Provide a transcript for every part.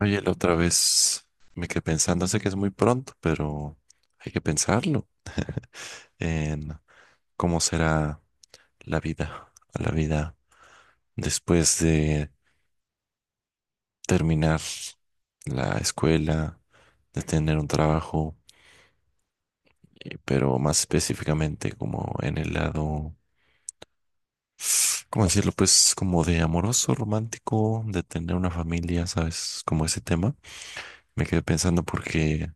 Oye, la otra vez me quedé pensando, sé que es muy pronto, pero hay que pensarlo en cómo será la vida después de terminar la escuela, de tener un trabajo, pero más específicamente como en el lado, ¿cómo decirlo? Pues como de amoroso, romántico, de tener una familia, ¿sabes? Como ese tema. Me quedé pensando porque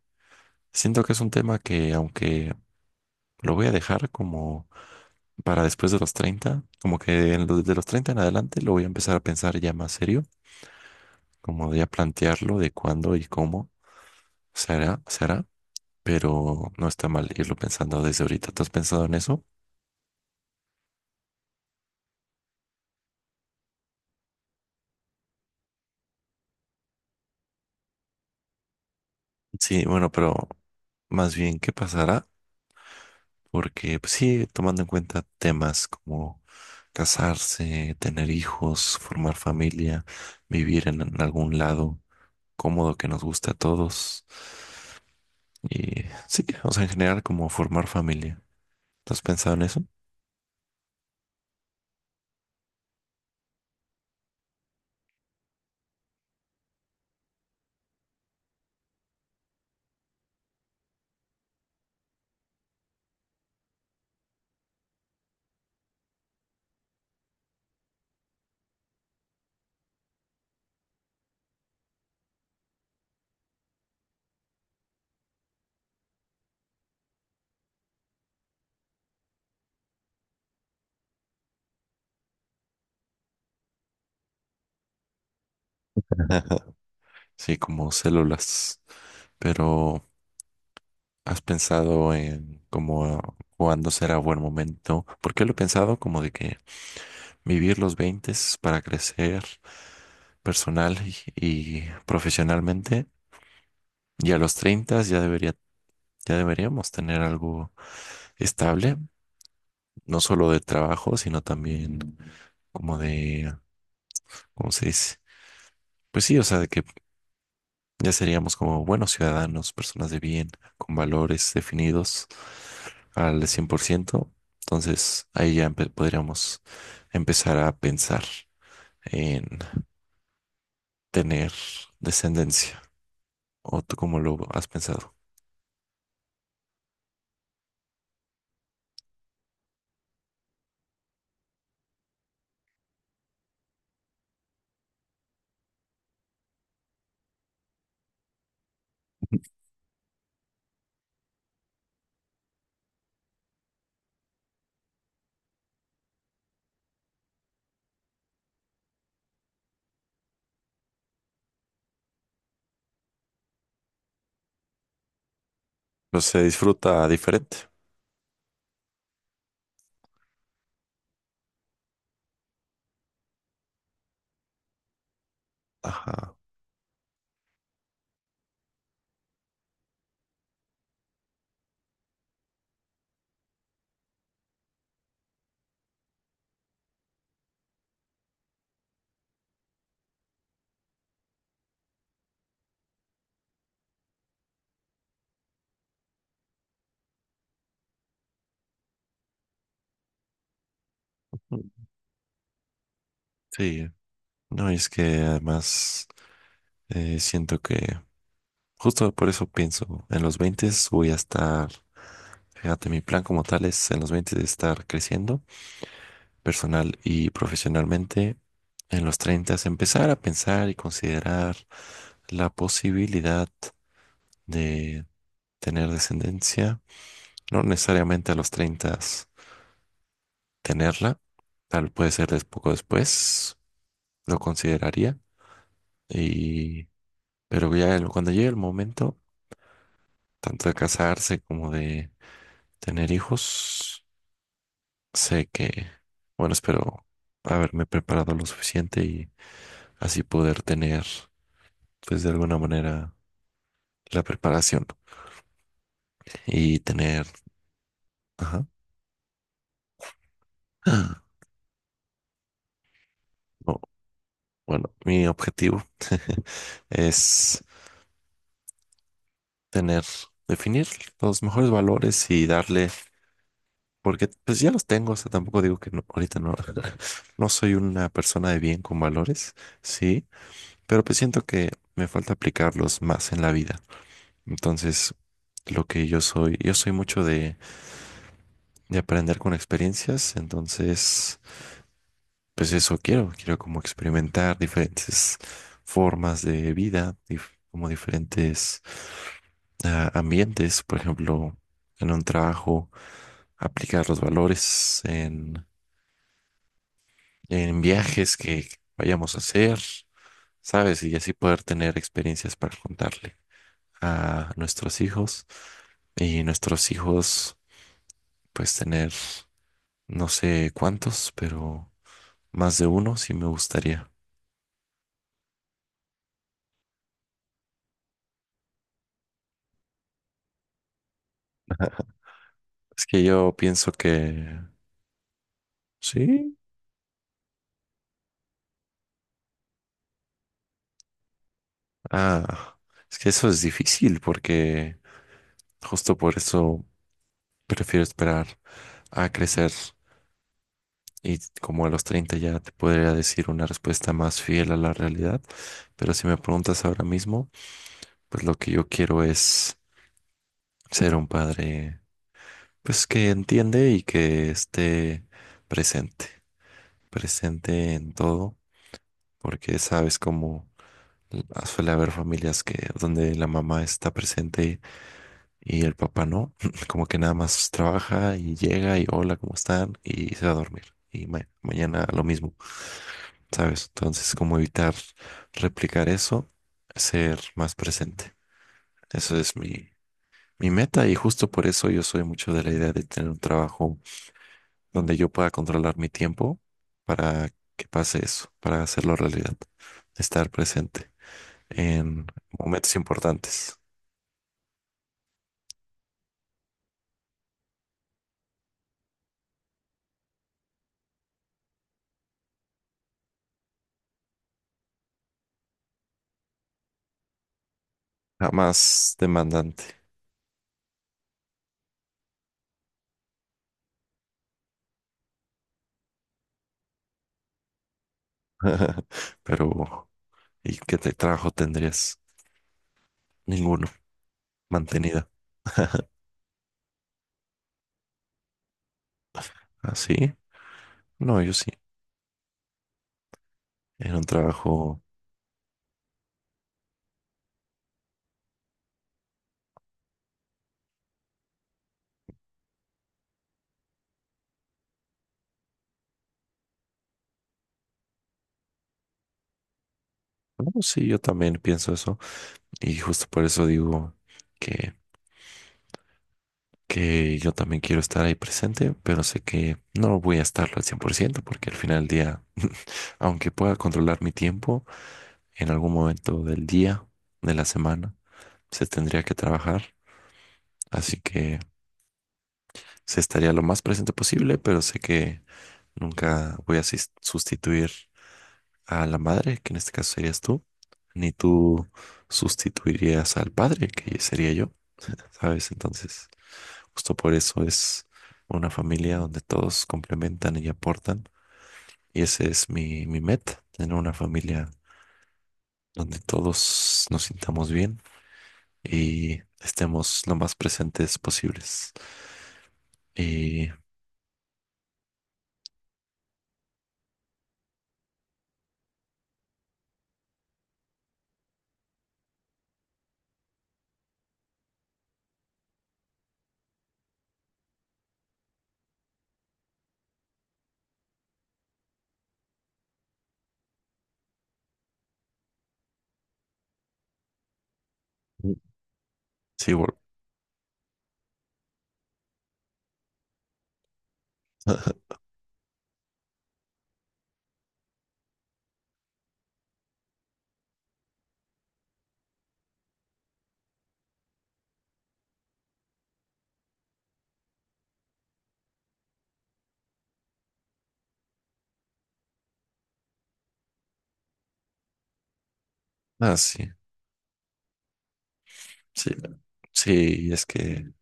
siento que es un tema que aunque lo voy a dejar como para después de los 30, como que desde los 30 en adelante lo voy a empezar a pensar ya más serio, como de a plantearlo de cuándo y cómo se hará, pero no está mal irlo pensando desde ahorita. ¿Tú has pensado en eso? Sí, bueno, pero más bien, ¿qué pasará? Porque pues, sí, tomando en cuenta temas como casarse, tener hijos, formar familia, vivir en algún lado cómodo que nos guste a todos. Y sí, o sea, en general como formar familia. ¿No has pensado en eso? Sí, como células. Pero ¿has pensado en cómo cuándo será buen momento? Porque lo he pensado como de que vivir los 20 para crecer personal y profesionalmente. Y a los 30 ya debería, ya deberíamos tener algo estable, no solo de trabajo, sino también como de, ¿cómo se dice? Pues sí, o sea, de que ya seríamos como buenos ciudadanos, personas de bien, con valores definidos al 100%. Entonces ahí podríamos empezar a pensar en tener descendencia. ¿O tú cómo lo has pensado? Pues se disfruta diferente. Ajá. Sí. No, y es que además siento que justo por eso pienso, en los 20 voy a estar, fíjate, mi plan como tal es en los 20 de estar creciendo personal y profesionalmente, en los 30, empezar a pensar y considerar la posibilidad de tener descendencia, no necesariamente a los 30 tenerla, tal puede ser poco después, lo consideraría, y, pero ya cuando llegue el momento, tanto de casarse como de tener hijos, sé que, bueno, espero haberme preparado lo suficiente y así poder tener pues de alguna manera la preparación y tener, ajá. Ah, no, bueno, mi objetivo es tener, definir los mejores valores y darle, porque pues ya los tengo, o sea, tampoco digo que no, ahorita no, no soy una persona de bien con valores, sí, pero pues siento que me falta aplicarlos más en la vida. Entonces, lo que yo soy de aprender con experiencias, entonces pues eso quiero, quiero como experimentar diferentes formas de vida, como diferentes ambientes, por ejemplo, en un trabajo, aplicar los valores en viajes que vayamos a hacer, ¿sabes? Y así poder tener experiencias para contarle a nuestros hijos y nuestros hijos, pues tener, no sé cuántos, pero más de uno sí me gustaría. Es que yo pienso que ¿sí? Ah, es que eso es difícil porque justo por eso prefiero esperar a crecer y como a los 30 ya te podría decir una respuesta más fiel a la realidad, pero si me preguntas ahora mismo, pues lo que yo quiero es ser un padre pues que entiende y que esté presente, presente en todo, porque sabes cómo suele haber familias que donde la mamá está presente y el papá no, como que nada más trabaja y llega y hola, ¿cómo están? Y se va a dormir. Y mañana lo mismo, ¿sabes? Entonces, como evitar replicar eso, ser más presente. Eso es mi meta y justo por eso yo soy mucho de la idea de tener un trabajo donde yo pueda controlar mi tiempo para que pase eso, para hacerlo realidad, estar presente en momentos importantes, jamás demandante. Pero ¿y trabajo tendrías? Ninguno. Mantenida. ¿Así? No, yo sí. En un trabajo. No, sí, yo también pienso eso. Y justo por eso digo que, que yo también quiero estar ahí presente, pero sé que no voy a estarlo al 100% porque al final del día, aunque pueda controlar mi tiempo, en algún momento del día, de la semana, se tendría que trabajar. Así que se estaría lo más presente posible, pero sé que nunca voy a sustituir a la madre, que en este caso serías tú, ni tú sustituirías al padre, que sería yo, ¿sabes? Entonces, justo por eso es una familia donde todos complementan y aportan. Y ese es mi meta, tener una familia donde todos nos sintamos bien y estemos lo más presentes posibles. Y sí, ah, sí, sí, es que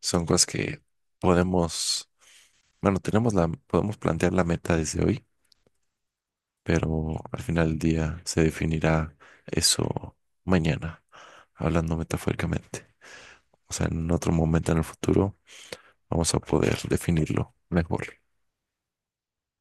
son cosas que podemos bueno, tenemos la, podemos plantear la meta desde hoy, pero al final del día se definirá eso mañana, hablando metafóricamente. O sea, en otro momento en el futuro vamos a poder definirlo mejor.